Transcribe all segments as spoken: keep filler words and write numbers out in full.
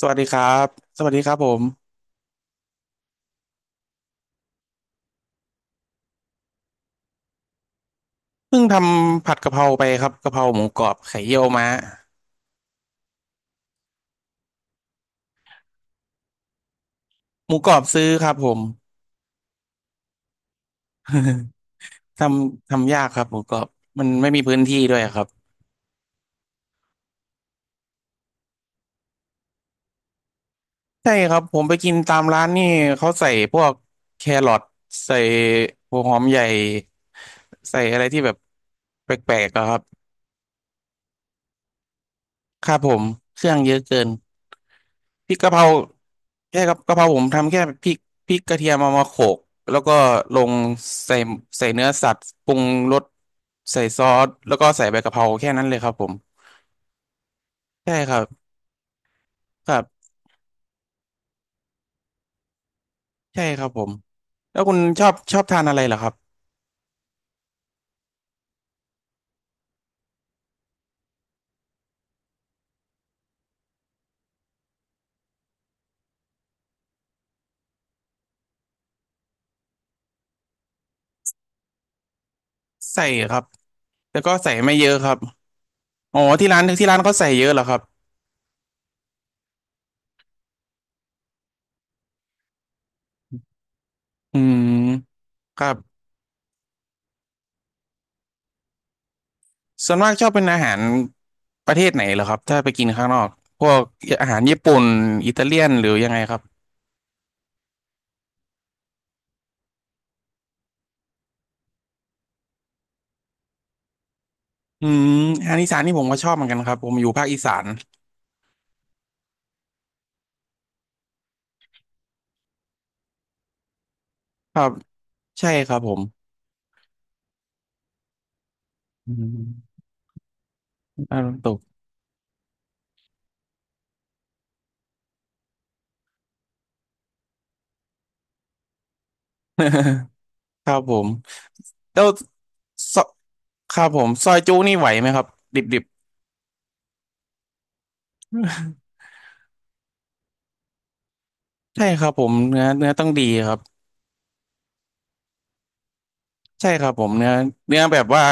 สวัสดีครับสวัสดีครับผมเพิ่งทำผัดกะเพราไปครับกะเพราหมูกรอบไข่เยี่ยวม้าหมูกรอบซื้อครับผม ทำทำยากครับหมูกรอบมันไม่มีพื้นที่ด้วยครับใช่ครับผมไปกินตามร้านนี่เขาใส่พวกแครอทใส่หัวหอมใหญ่ใส่อะไรที่แบบแปลกๆอะครับครับผมเครื่องเยอะเกิน พริกกะเพราแค่กับกะเพราผมทำแค่พริกพริกกระเทียมเอามาโขลกแล้วก็ลงใส่ใส่เนื้อสัตว์ปรุงรสใส่ซอสแล้วก็ใส่ใบกะเพราแค่นั้นเลยครับผมใช่ครับครับใช่ครับผมแล้วคุณชอบชอบทานอะไรเหรอครับใส่ครับแต่ก็ใส่ไม่เยอะครับอ๋อที่ร้านที่ร้านเขาใส่เยอะเหรอครับอืมครับส่วนมากชอบเป็นอาหารประเทศไหนเหรอครับถ้าไปกินข้างนอกพวกอาหารญี่ปุ่นอิตาเลียนหรือยังไงครับ อืมอาหารอีสานนี่ผมก็ชอบเหมือนกันครับผมอยู่ภาคอีสานครับใช่ครับผมอืมอารมณ์ตก ครับผมแล้วซอครับผมซอยจุนี่ไหวไหมครับดิบดิบ ใช่ครับผมเนื้อเนื้อต้องดีครับใช่ครับผมเนื้อเนื้อแบบว่า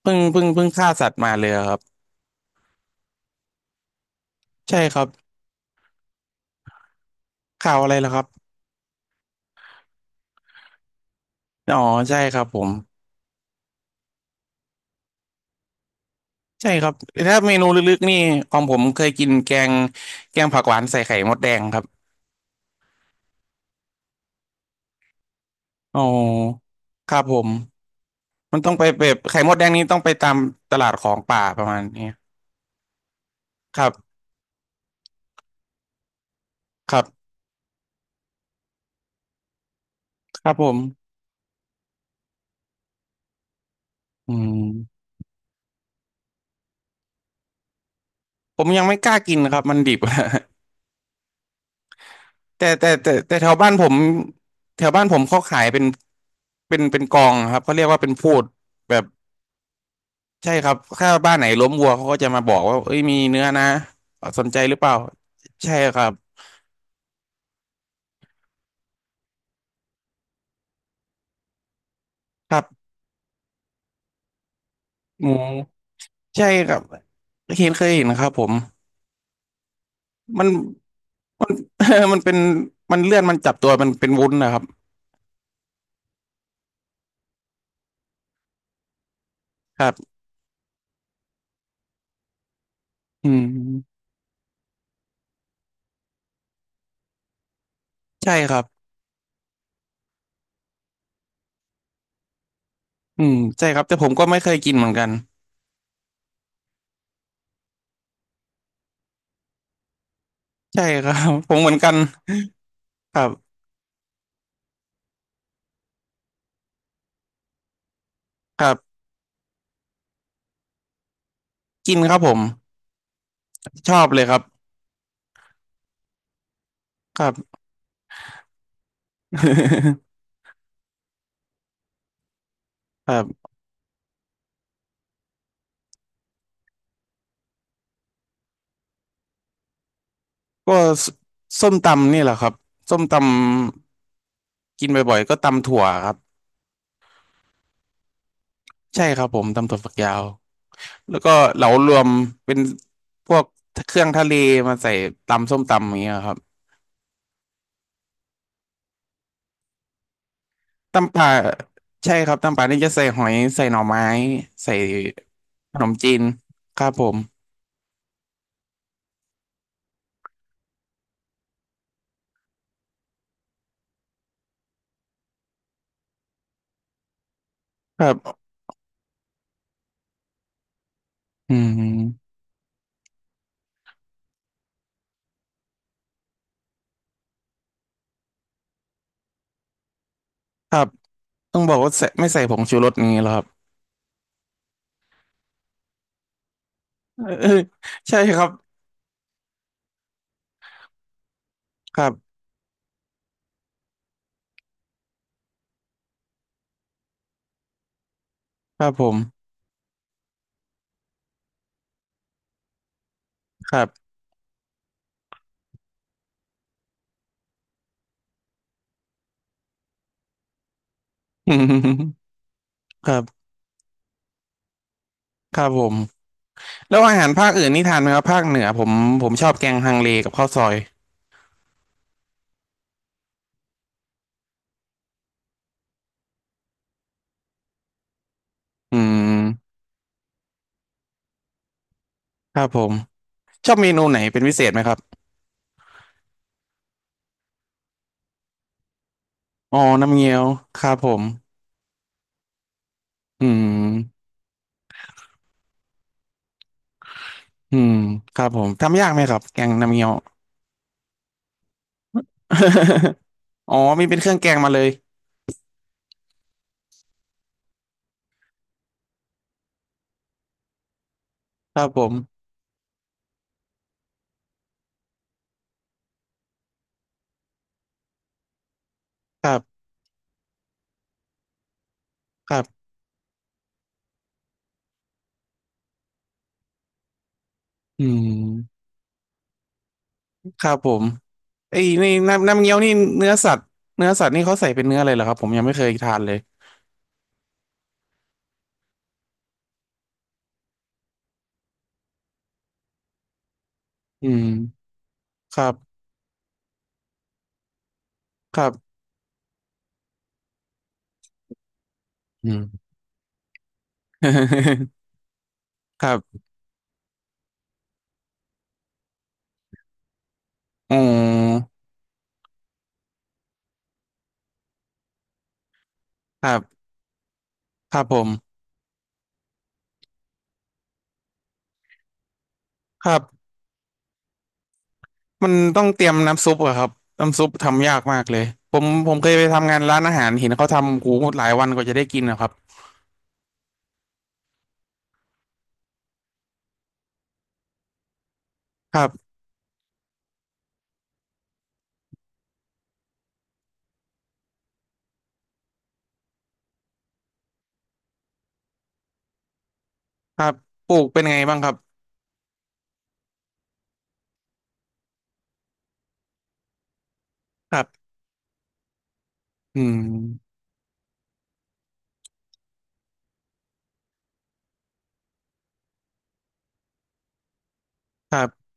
เพิ่งเพิ่งเพิ่งฆ่าสัตว์มาเลยครับใช่ครับข่าวอะไรล่ะครับอ๋อใช่ครับผมใช่ครับถ้าเมนูลึกๆนี่ของผมเคยกินแกงแกงผักหวานใส่ไข่มดแดงครับ อ๋อครับผมมันต้องไปแบบไข่มดแดงนี้ต้องไปตามตลาดของป่าประมาณนี้ครับครับครับผมอืมผมยังไม่กล้ากินครับมันดิบ แต่แต่แต่แต่แถวบ้านผมแถวบ้านผมเขาขายเป็นเป็นเป็นกองครับเขาเรียกว่าเป็นพูดแบบใช่ครับถ้าบ้านไหนล้มวัวเขาก็จะมาบอกว่าเอ้ยมีเนื้อนะสนใจหรือเปล่าใช่ครับครับหมูใช่ครับเห็นเคยเห็นครับผม มันมัน มันเป็นมันเลื่อนมันจับตัวมันเป็นวุ้นนะครับครับอืมใช่ครับอืมใช่ครับแต่ผมก็ไม่เคยกินเหมือนกันใช่ครับ ผมเหมือนกันครับครับกินครับผมชอบเลยครับครับ ครับก็สส้มตำนี่แหละครับส้มตำกินบ่อยๆก็ตำถั่วครับใช่ครับผมตำถั่วฝักยาวแล้วก็เหลารวมเป็นพวกเครื่องทะเลมาใส่ตำส้มตำอย่างเงี้ยครับ ตำป่าใช่ครับตำป่านี่จะใส่หอยใส่หน่อไม้ใส่ขนมจีนครับผมครับอืมครับต้องบอกว่าใส่ไม่ใส่ผงชูรสนี้เหรอครับเออใช่ครับครับครับผมครับ อืมครับครับผมแล้วอาหารภาคอื่นนี่ทานไหมครับภาคเหนือผมผมชอบแกงฮังเลกับข้าวซอยอืมครับผมชอบเมนูไหนเป็นพิเศษไหมครับอ๋อน้ำเงี้ยวครับผมอืม อืมครับผมทำยากไหมครับแกงน้ำเงี้ยว อ๋อมีเป็นเครื่องแกงมาเลยครับผมครับครับอืมครับผมไอ้ยนี่น้ำน้ำเงี้ยวนี่เนื้อสัตว์เนื้อสัตว์นี่เขาใส่เป็นเนื้อเลยเหรอครับผมยังไม่เคยทานเลยอืมครับครับอืม ครับอ๋อครับครับผมครับมันต้องเตรียมน้ำซุปอะครับน้ำซุปทำยากมากเลยผมผมเคยไปทำงานร้านอาหารเห็นเขาทำกูหลายวันกว่าจะได้กินนะครับ ครับปลูกเป็นไงบ้างครับครับอืมครับ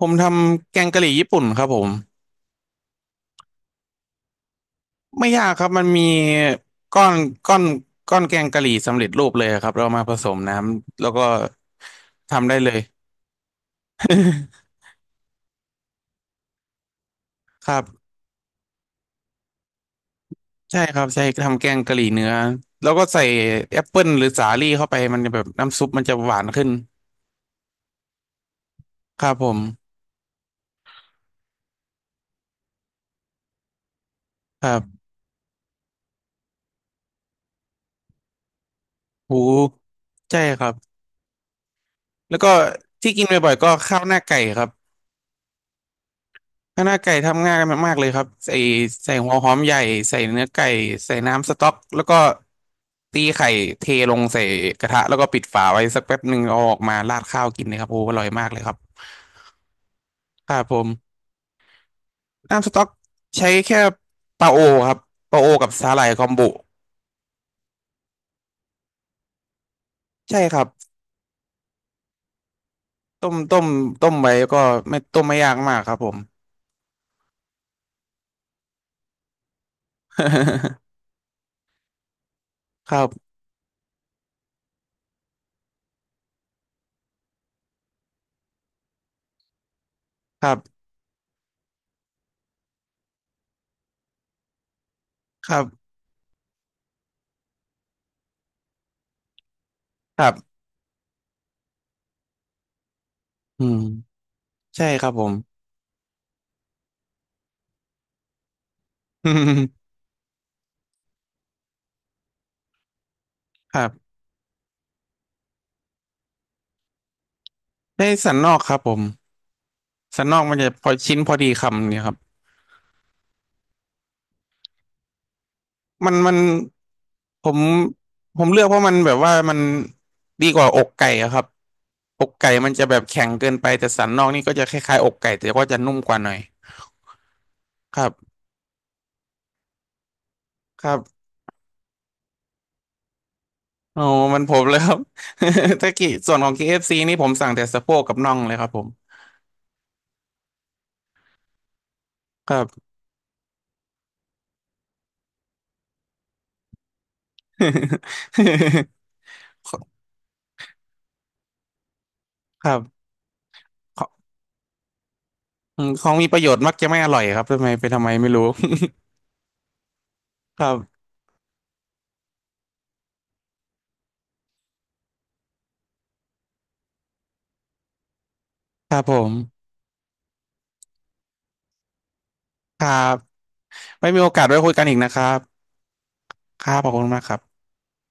ผมทำแกงกะหรี่ญี่ปุ่นครับผมไม่ยากครับมันมีก้อนก้อนก้อนแกงกะหรี่สำเร็จรูปเลยครับเรามาผสมน้ำแล้วก็ทำได้เลย ครับใช่ครับใช่ทำแกงกะหรี่เนื้อแล้วก็ใส่แอปเปิลหรือสาลี่เข้าไปมันจะแบบน้ำซุปมันจะหวานขึ้นครับผมครับหูใช่ครับแล้วก็ที่กินบ่อยๆก็ข้าวหน้าไก่ครับ ข้างหน้าไก่ทำง่ายมากๆเลยครับใส่ใส่หัวหอมใหญ่ใส่เนื้อไก่ใส่น้ำสต๊อกแล้วก็ตีไข่เทลงใส่กระทะแล้วก็ปิดฝาไว้สักแป๊บหนึ่งเอาออกมาราดข้าวกินเลยครับโอ้อร่อยมากเลยครับครับผมน้ำสต๊อกใช้แค่ปลาโอครับปลาโอกับสาหร่ายคอมบุใช่ครับต้มต้มต้มไว้ก็ไม่ต้มไม่ยากมากครับผม ครับครับครับครับอืมใช่ครับผม ครับได้สันนอกครับผม สันนอกมันจะพอชิ้นพอดีคำเนี่ยครับมันมันผมผมเลือกเพราะมันแบบว่ามันดีกว่าอกไก่อะครับอกไก่มันจะแบบแข็งเกินไปแต่สันนอกนี่ก็จะคล้ายๆอกไก่แต่ก็จะนุ่มกว่าหน่อยครับครับโอ้มันผมเลยครับ ถ้ากิส่วนของเค เอฟ ซี นี่ผมสั่งแต่สะโพกกับน่องเลยครับผมครับ ครับของอืมของมีประโยชน์มักจะไม่อร่อยครับทำไมเป็นทำไมไม่รู้ ครับครับผมครับไม่มีโอกาสไว้คุยกันอีกนะครับ ครับขอบคุณมากครับ